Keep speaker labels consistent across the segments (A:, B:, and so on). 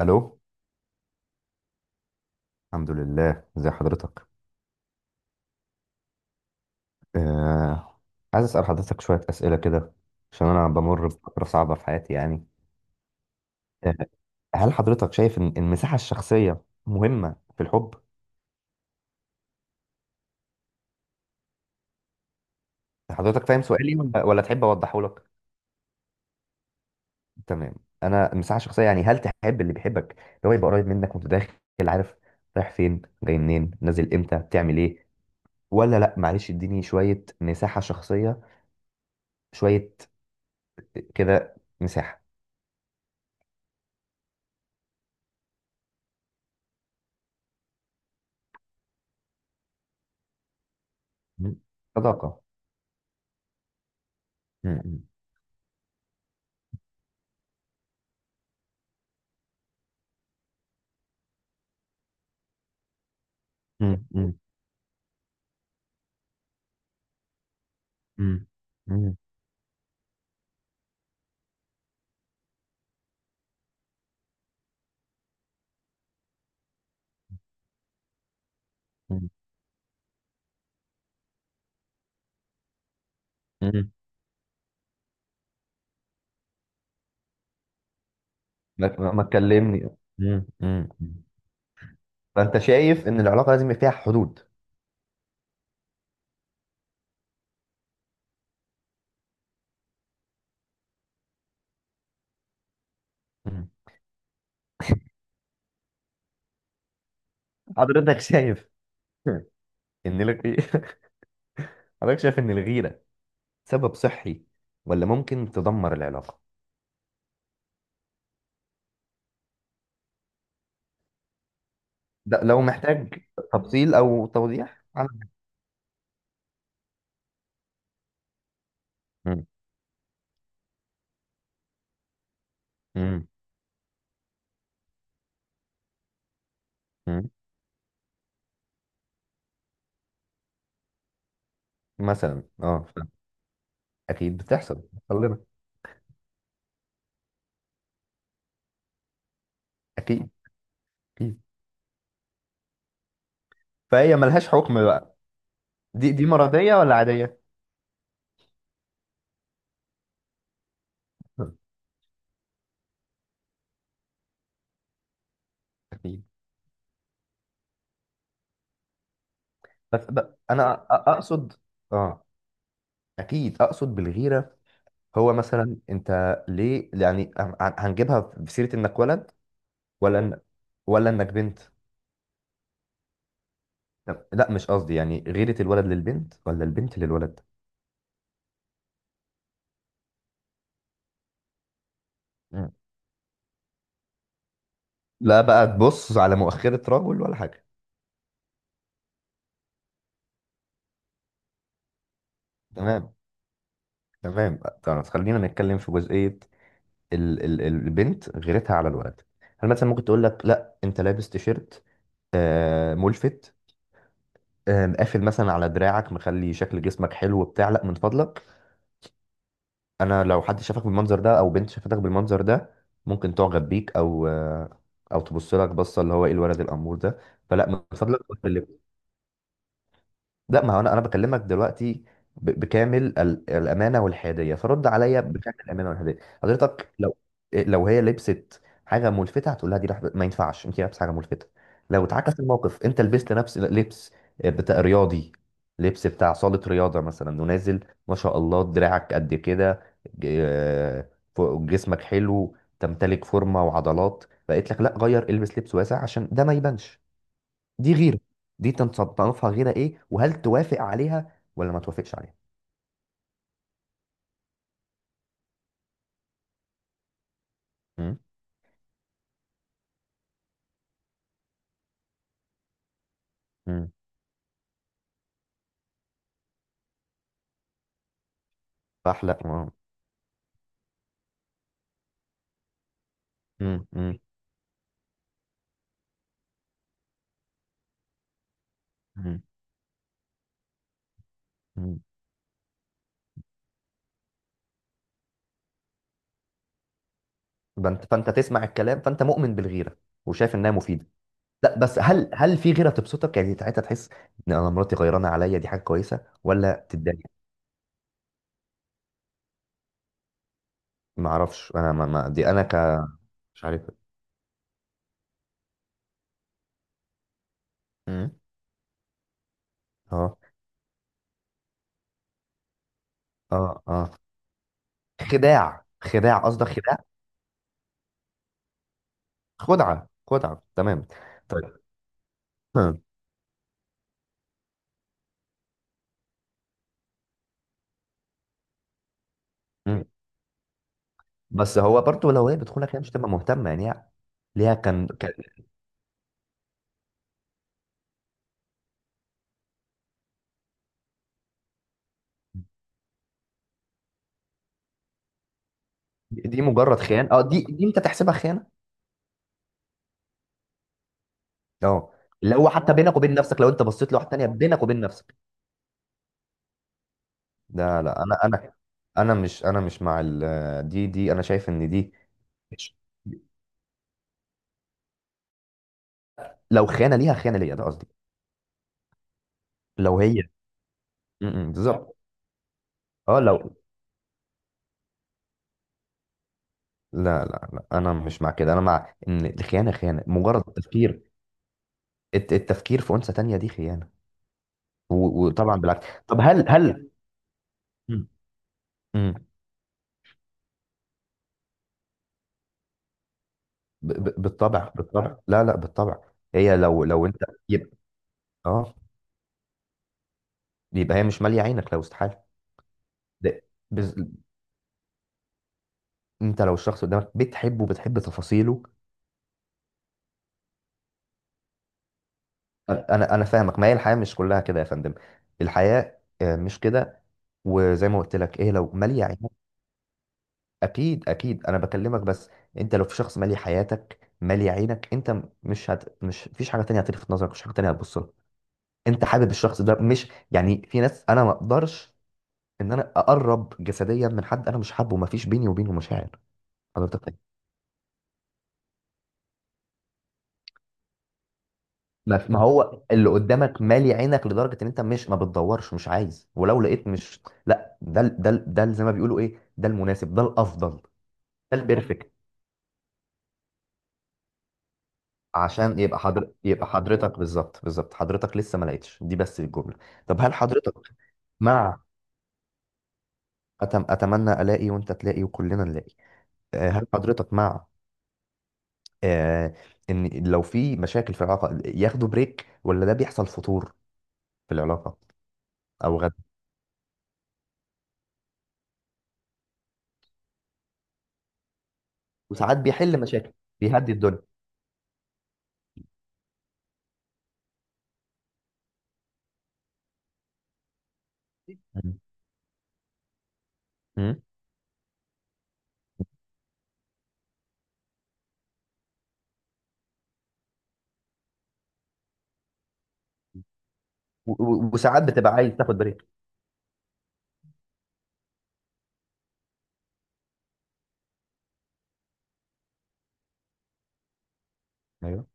A: الو. الحمد لله، ازي حضرتك؟ آه. عايز اسال حضرتك شويه اسئله كده، عشان انا بمر بفتره صعبه في حياتي يعني. آه. هل حضرتك شايف إن المساحه الشخصيه مهمه في الحب؟ حضرتك فاهم سؤالي ولا تحب اوضحه لك؟ تمام. انا المساحه الشخصيه يعني، هل تحب اللي بيحبك اللي هو يبقى قريب منك وانت داخل، عارف رايح فين، جاي منين، نازل امتى، بتعمل ايه؟ ولا لا، معلش اديني شويه مساحه شخصيه، شويه كده، مساحه، صداقه. مم. مم. مم. مم. مم. مم. ما تكلمني. مم. مم. فانت شايف ان العلاقه لازم يبقى فيها حدود؟ مم. حضرتك شايف ان الغي... حضرتك شايف ان الغيره سبب صحي ولا ممكن تدمر العلاقه؟ ده لو محتاج تفصيل او توضيح أنا. مم. مم. مم. مثلا اه ف- اكيد بتحصل بتحصل لنا. اكيد اكيد. فهي ملهاش حكم بقى. دي مرضيه ولا عاديه؟ اكيد. بس انا اقصد، اه اكيد اقصد بالغيره. هو مثلا انت، هنجيبها في سيره انك ولد ولا إن... ولا انك بنت؟ لا مش قصدي، يعني غيره الولد للبنت ولا البنت للولد. مم. لا بقى تبص على مؤخره رجل ولا حاجه. تمام تمام. طب خلينا نتكلم في جزئيه، البنت غيرتها على الولد. هل مثلا ممكن تقول لك لا انت لابس تيشيرت آه ملفت، مقافل مثلا على دراعك، مخلي شكل جسمك حلو بتاع، لا من فضلك. انا لو حد شافك بالمنظر ده، او بنت شافتك بالمنظر ده، ممكن تعجب بيك، او او تبص لك بصه، اللي هو ايه الولد الامور ده. فلا من فضلك. لا ما هو انا بكلمك دلوقتي بكامل الامانه والحياديه، فرد عليا بكامل الامانه والحياديه. حضرتك لو لو هي لبست حاجه ملفته هتقول لها دي ما ينفعش انت لابسه حاجه ملفته. لو اتعكس الموقف، انت لبست نفس لبس بتاع رياضي، لبس بتاع صاله رياضه مثلا، ونازل، ما شاء الله دراعك قد كده، ج- آه، جسمك حلو، تمتلك فورمه وعضلات، بقيت لك لا غير، البس لبس واسع عشان ده ما يبانش. دي غيرة، دي تنصنفها غيرة ايه؟ وهل توافق عليها ولا ما توافقش عليها؟ مم. مم. فاحلى واو. مم. مم. مم. مم. فانت تسمع الكلام. فانت مؤمن بالغيرة وشايف انها مفيدة؟ لا بس، هل في غيرة تبسطك، يعني ساعتها تحس ان انا مراتي غيرانة عليا دي حاجة كويسة، ولا تتضايق؟ ما اعرفش، انا ما دي انا مش عارف. مم. اه اه اه. خداع، خداع قصدك، خداع. خدعة خدعة، تمام. طيب. مم. بس هو برضه لو هي بتخونك هي مش تبقى مهتمه، ليها. كان كان، دي مجرد خيانه؟ اه دي انت تحسبها خيانه؟ اه، اللي هو حتى بينك وبين نفسك، لو انت بصيت لواحده تانيه بينك وبين نفسك. لا لا، انا مش، انا مش مع دي انا شايف ان دي مش- لو خيانه ليها، خيانه ليا، ده قصدي. لو هي، م- م، بالظبط. اه لو. لا لا لا، انا مش مع كده، انا مع ان الخيانه خيانه، مجرد التفكير، التفكير في انثى تانيه دي خيانه. وطبعا بالعكس. طب هل، م- م. بالطبع بالطبع، لا لا بالطبع. هي لو انت يبقى اه يبقى هي مش ماليه عينك، لو استحاله. ده- بز... انت لو الشخص قدامك بتحبه، بتحب تفاصيله. انا انا أنا فاهمك، ما هي الحياه مش كلها كده يا فندم، الحياه مش كده. وزي ما قلت لك ايه، لو ماليه عينك. اكيد اكيد، انا بكلمك. بس انت لو في شخص مالي حياتك، مالي عينك، انت مش مش فيش حاجه تانية هتلفت نظرك، مش حاجه تانية هتبص لها. انت حابب الشخص ده. مش يعني في ناس، انا ما اقدرش ان انا اقرب جسديا من حد انا مش حابه، ومفيش بيني وبينه مشاعر. حضرتك فاهم؟ ما ما هو اللي قدامك مالي عينك لدرجه ان انت مش ما بتدورش، مش عايز، ولو لقيت مش. لا زي ما بيقولوا ايه، ده المناسب، ده الافضل، ده البرفكت. عشان يبقى، يبقى حضرتك بالظبط، بالظبط. حضرتك لسه ما لقيتش دي، بس الجمله. طب هل حضرتك مع، اتمنى الاقي وانت تلاقي وكلنا نلاقي. هل حضرتك مع آه، ان لو في مشاكل في العلاقه ياخدوا بريك، ولا ده بيحصل فتور في العلاقة؟ أو غد. وساعات بيحل مشاكل، بيهدي الدنيا. مم. مم. وساعات بتبقى عايز تاخد بريك. أيوه.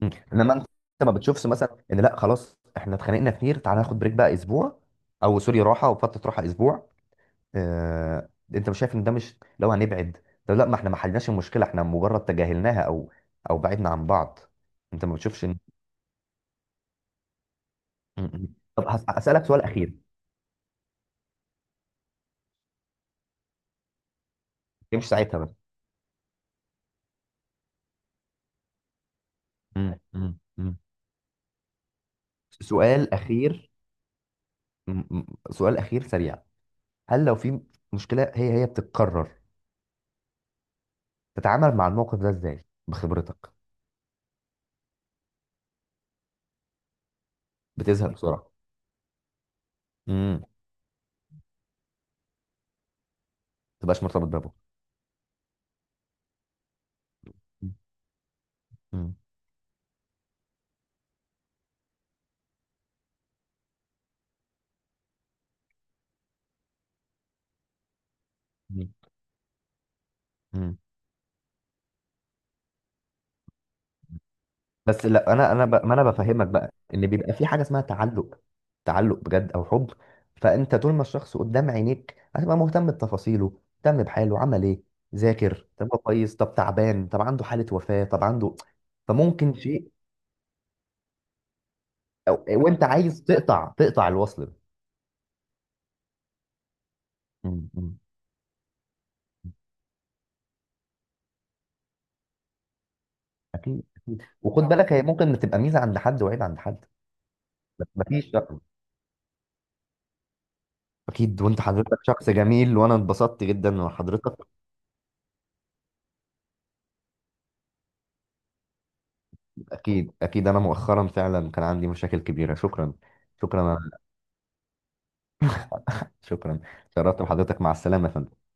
A: مم. انما انت، ما بتشوفش مثلا ان لا خلاص احنا اتخانقنا كتير، تعالى ناخد بريك بقى اسبوع، او سوري، راحه وفتره راحه اسبوع. اه. انت مش شايف ان ده، مش لو هنبعد، طب لا ما احنا ما حلناش المشكله، احنا مجرد تجاهلناها، او او بعدنا عن بعض؟ انت ما بتشوفش ان. مم. مم. طب هسالك سؤال اخير. مش ساعتها بقى. مم. مم. مم. سؤال اخير. م- م- سؤال اخير سريع، هل لو في مشكلة هي بتتكرر، تتعامل مع الموقف ده ازاي بخبرتك؟ بتزهق بسرعة. ما تبقاش مرتبط بابه. مم. مم. مم. بس لا، ما انا بفهمك بقى ان بيبقى في حاجة اسمها تعلق، تعلق بجد او حب. فانت طول ما الشخص قدام عينيك، هتبقى مهتم بتفاصيله، مهتم بحاله، عمل ايه، ذاكر، طب هو كويس، طب تعبان، طب عنده حالة وفاة، طب عنده. فممكن شيء. وانت عايز تقطع تقطع الوصل ده. مم. مم. اكيد اكيد، وخد بالك، هي ممكن تبقى ميزه عند حد، وعيب عند حد. بس مفيش رأي. اكيد، وانت حضرتك شخص جميل، وانا اتبسطت جدا، وحضرتك. اكيد اكيد، انا مؤخرا فعلا كان عندي مشاكل كبيره. شكرا. شكرا. شكرا. شرفت بحضرتك، مع السلامه يا فندم.